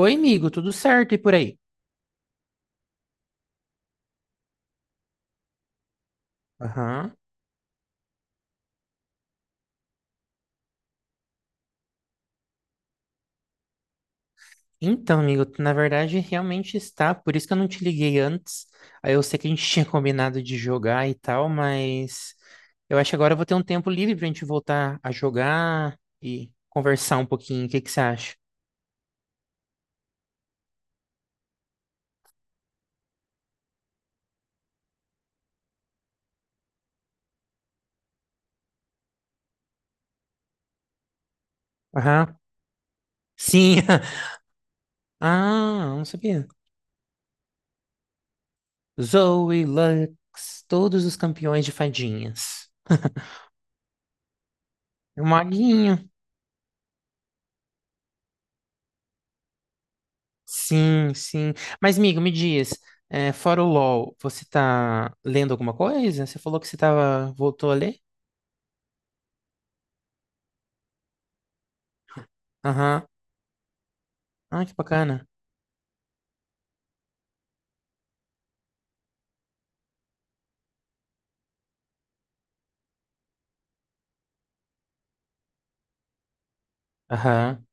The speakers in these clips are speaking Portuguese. Oi, amigo, tudo certo e por aí? Aham. Então, amigo, tu, na verdade realmente está, por isso que eu não te liguei antes. Aí eu sei que a gente tinha combinado de jogar e tal, mas eu acho que agora eu vou ter um tempo livre pra gente voltar a jogar e conversar um pouquinho. O que que você acha? Aham. Sim. Ah, não sabia. Zoe, Lux, todos os campeões de fadinhas. É uma. Sim, sim. Mas, amigo, me diz, fora o LOL, você tá lendo alguma coisa? Você falou que você tava, voltou a ler? Aham. Ah, que bacana. Aham,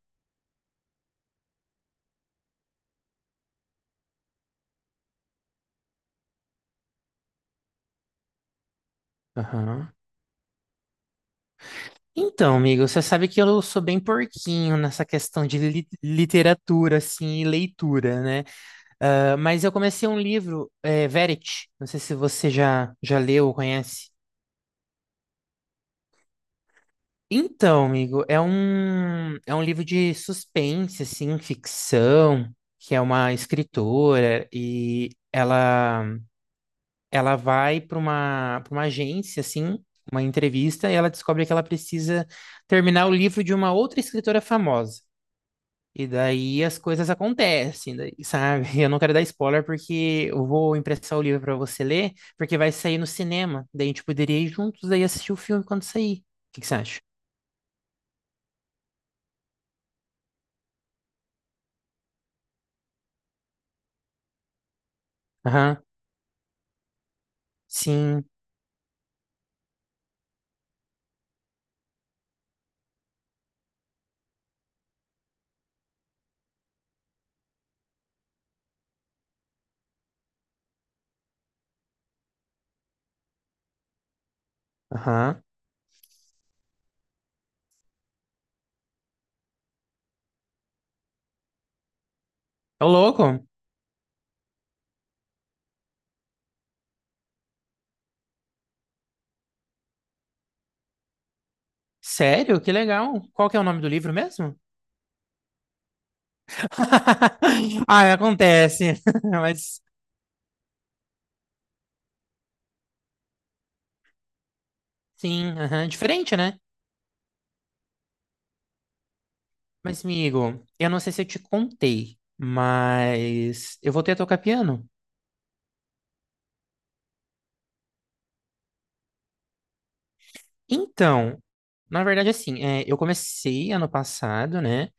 aham. Então, amigo, você sabe que eu sou bem porquinho nessa questão de literatura, assim, e leitura, né? Ah, mas eu comecei um livro, Verity. Não sei se você já leu ou conhece. Então, amigo, é um livro de suspense, assim, ficção, que é uma escritora e ela vai para para uma agência, assim, uma entrevista, e ela descobre que ela precisa terminar o livro de uma outra escritora famosa. E daí as coisas acontecem, daí, sabe? Eu não quero dar spoiler porque eu vou emprestar o livro para você ler, porque vai sair no cinema. Daí a gente poderia ir juntos daí assistir o filme quando sair. O que que você acha? Aham, sim. Aham. Ô, louco. Sério? Que legal. Qual que é o nome do livro mesmo? Ah, acontece. Mas sim, aham. Diferente, né? Mas, amigo, eu não sei se eu te contei, mas eu voltei a tocar piano. Então, na verdade, assim, eu comecei ano passado, né?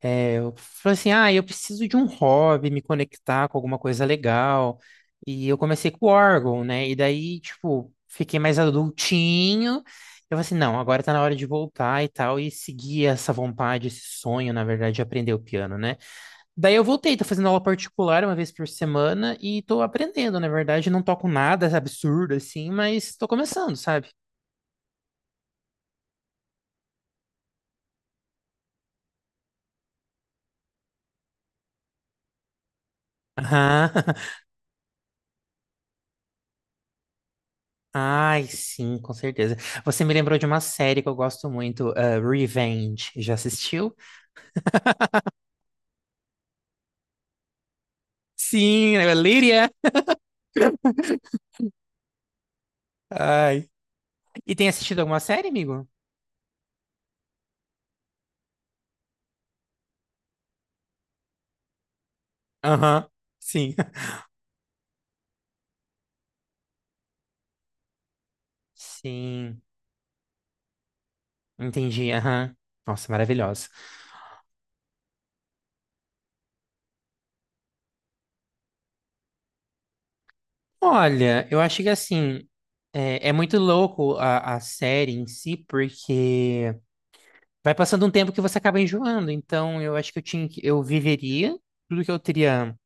É, eu falei assim, ah, eu preciso de um hobby, me conectar com alguma coisa legal. E eu comecei com o órgão, né? E daí, tipo, fiquei mais adultinho. Eu falei assim, não, agora tá na hora de voltar e tal, e seguir essa vontade, esse sonho, na verdade, de aprender o piano, né? Daí eu voltei, tô fazendo aula particular uma vez por semana e tô aprendendo, na verdade, não toco nada absurdo assim, mas tô começando, sabe? Aham. Ai, sim, com certeza. Você me lembrou de uma série que eu gosto muito, Revenge. Já assistiu? Sim, é Lyria. Ai. E tem assistido alguma série, amigo? Aham, sim. Sim, entendi. Aham. Nossa, maravilhosa. Olha, eu acho que assim, é muito louco a série em si, porque vai passando um tempo que você acaba enjoando. Então, eu acho que eu tinha que, eu viveria tudo que eu teria.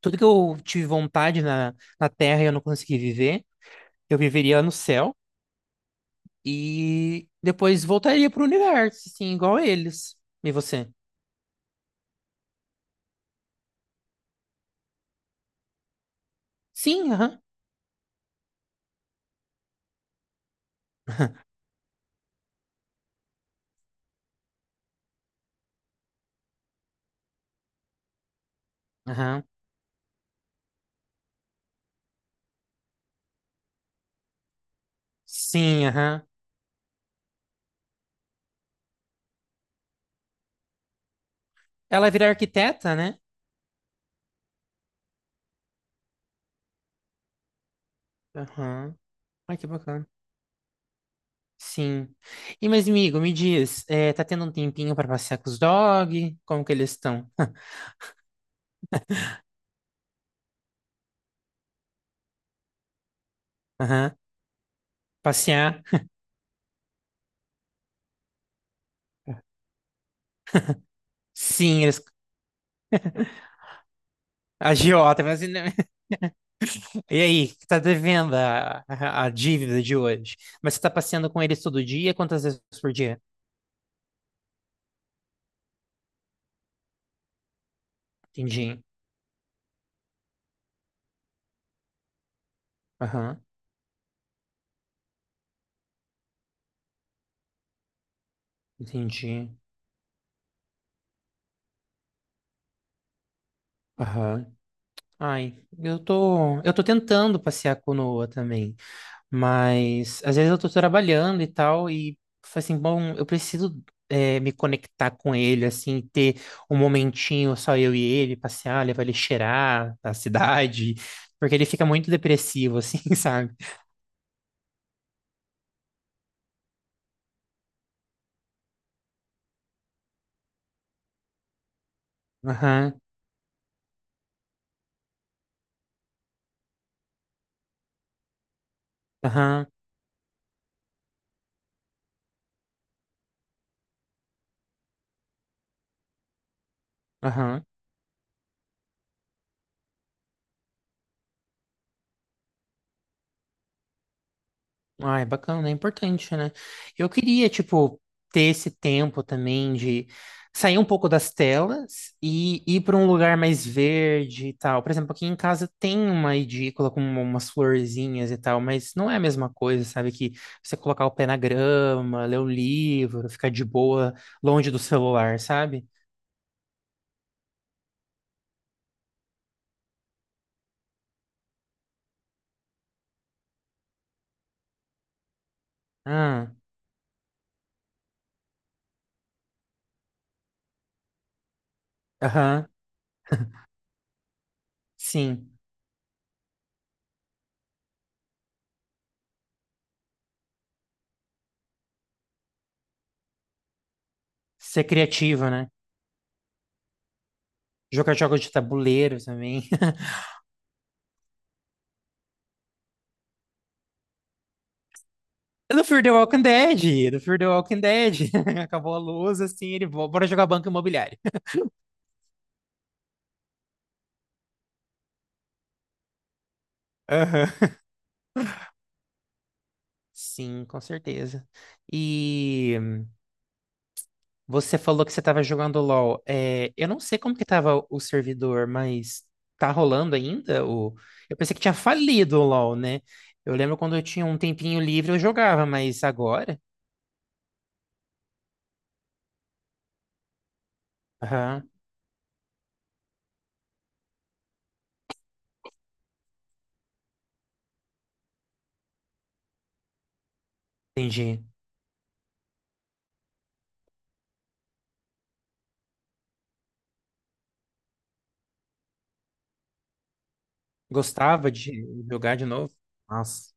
Tudo que eu tive vontade na Terra e eu não consegui viver, eu viveria no céu e depois voltaria pro universo, assim, igual eles. E você? Sim, aham. Aham. Sim, aham. Ela vira arquiteta, né? Aham. Ai, que bacana. Sim. E, mas, amigo, me diz, tá tendo um tempinho pra passear com os dog? Como que eles estão? Aham. Passear? Sim, eles... Agiota, mas... né? E aí, que tá devendo a dívida de hoje? Mas você tá passeando com eles todo dia? Quantas vezes por dia? Entendi. Aham, entendi. Aham. Ai, eu tô tentando passear com o Noah também, mas às vezes eu tô trabalhando e tal, e falo assim, bom, eu preciso me conectar com ele, assim, ter um momentinho só eu e ele, passear, levar ele cheirar a cidade, porque ele fica muito depressivo, assim, sabe? Aham, aham, aham. Ah, é bacana, é importante, né? Eu queria, tipo, ter esse tempo também de sair um pouco das telas e ir para um lugar mais verde e tal. Por exemplo, aqui em casa tem uma edícula com umas florzinhas e tal, mas não é a mesma coisa, sabe? Que você colocar o pé na grama, ler o livro, ficar de boa, longe do celular, sabe? Ah, aham, sim. Ser criativa, né? Jogar jogos de tabuleiro também. É Do Fear the Walking Dead, do Fear the Walking Dead. Acabou a luz, assim, ele volta, bora jogar banco imobiliário. Aham. Sim, com certeza. E você falou que você estava jogando LoL. É, eu não sei como que tava o servidor, mas tá rolando ainda? O... Eu pensei que tinha falido o LoL, né? Eu lembro quando eu tinha um tempinho livre, eu jogava, mas agora? Aham, entendi. Gostava de jogar de novo? Nossa.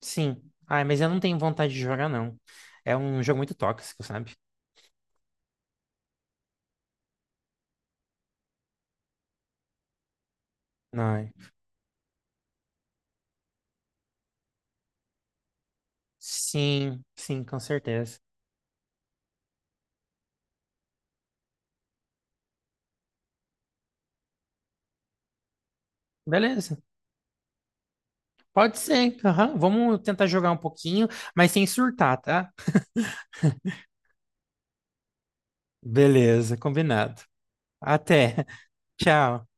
Sim. Ai, mas eu não tenho vontade de jogar, não. É um jogo muito tóxico, sabe? Ai. Sim, sim, com certeza. Beleza. Pode ser. Aham. Vamos tentar jogar um pouquinho, mas sem surtar, tá? Beleza, combinado. Até. Tchau.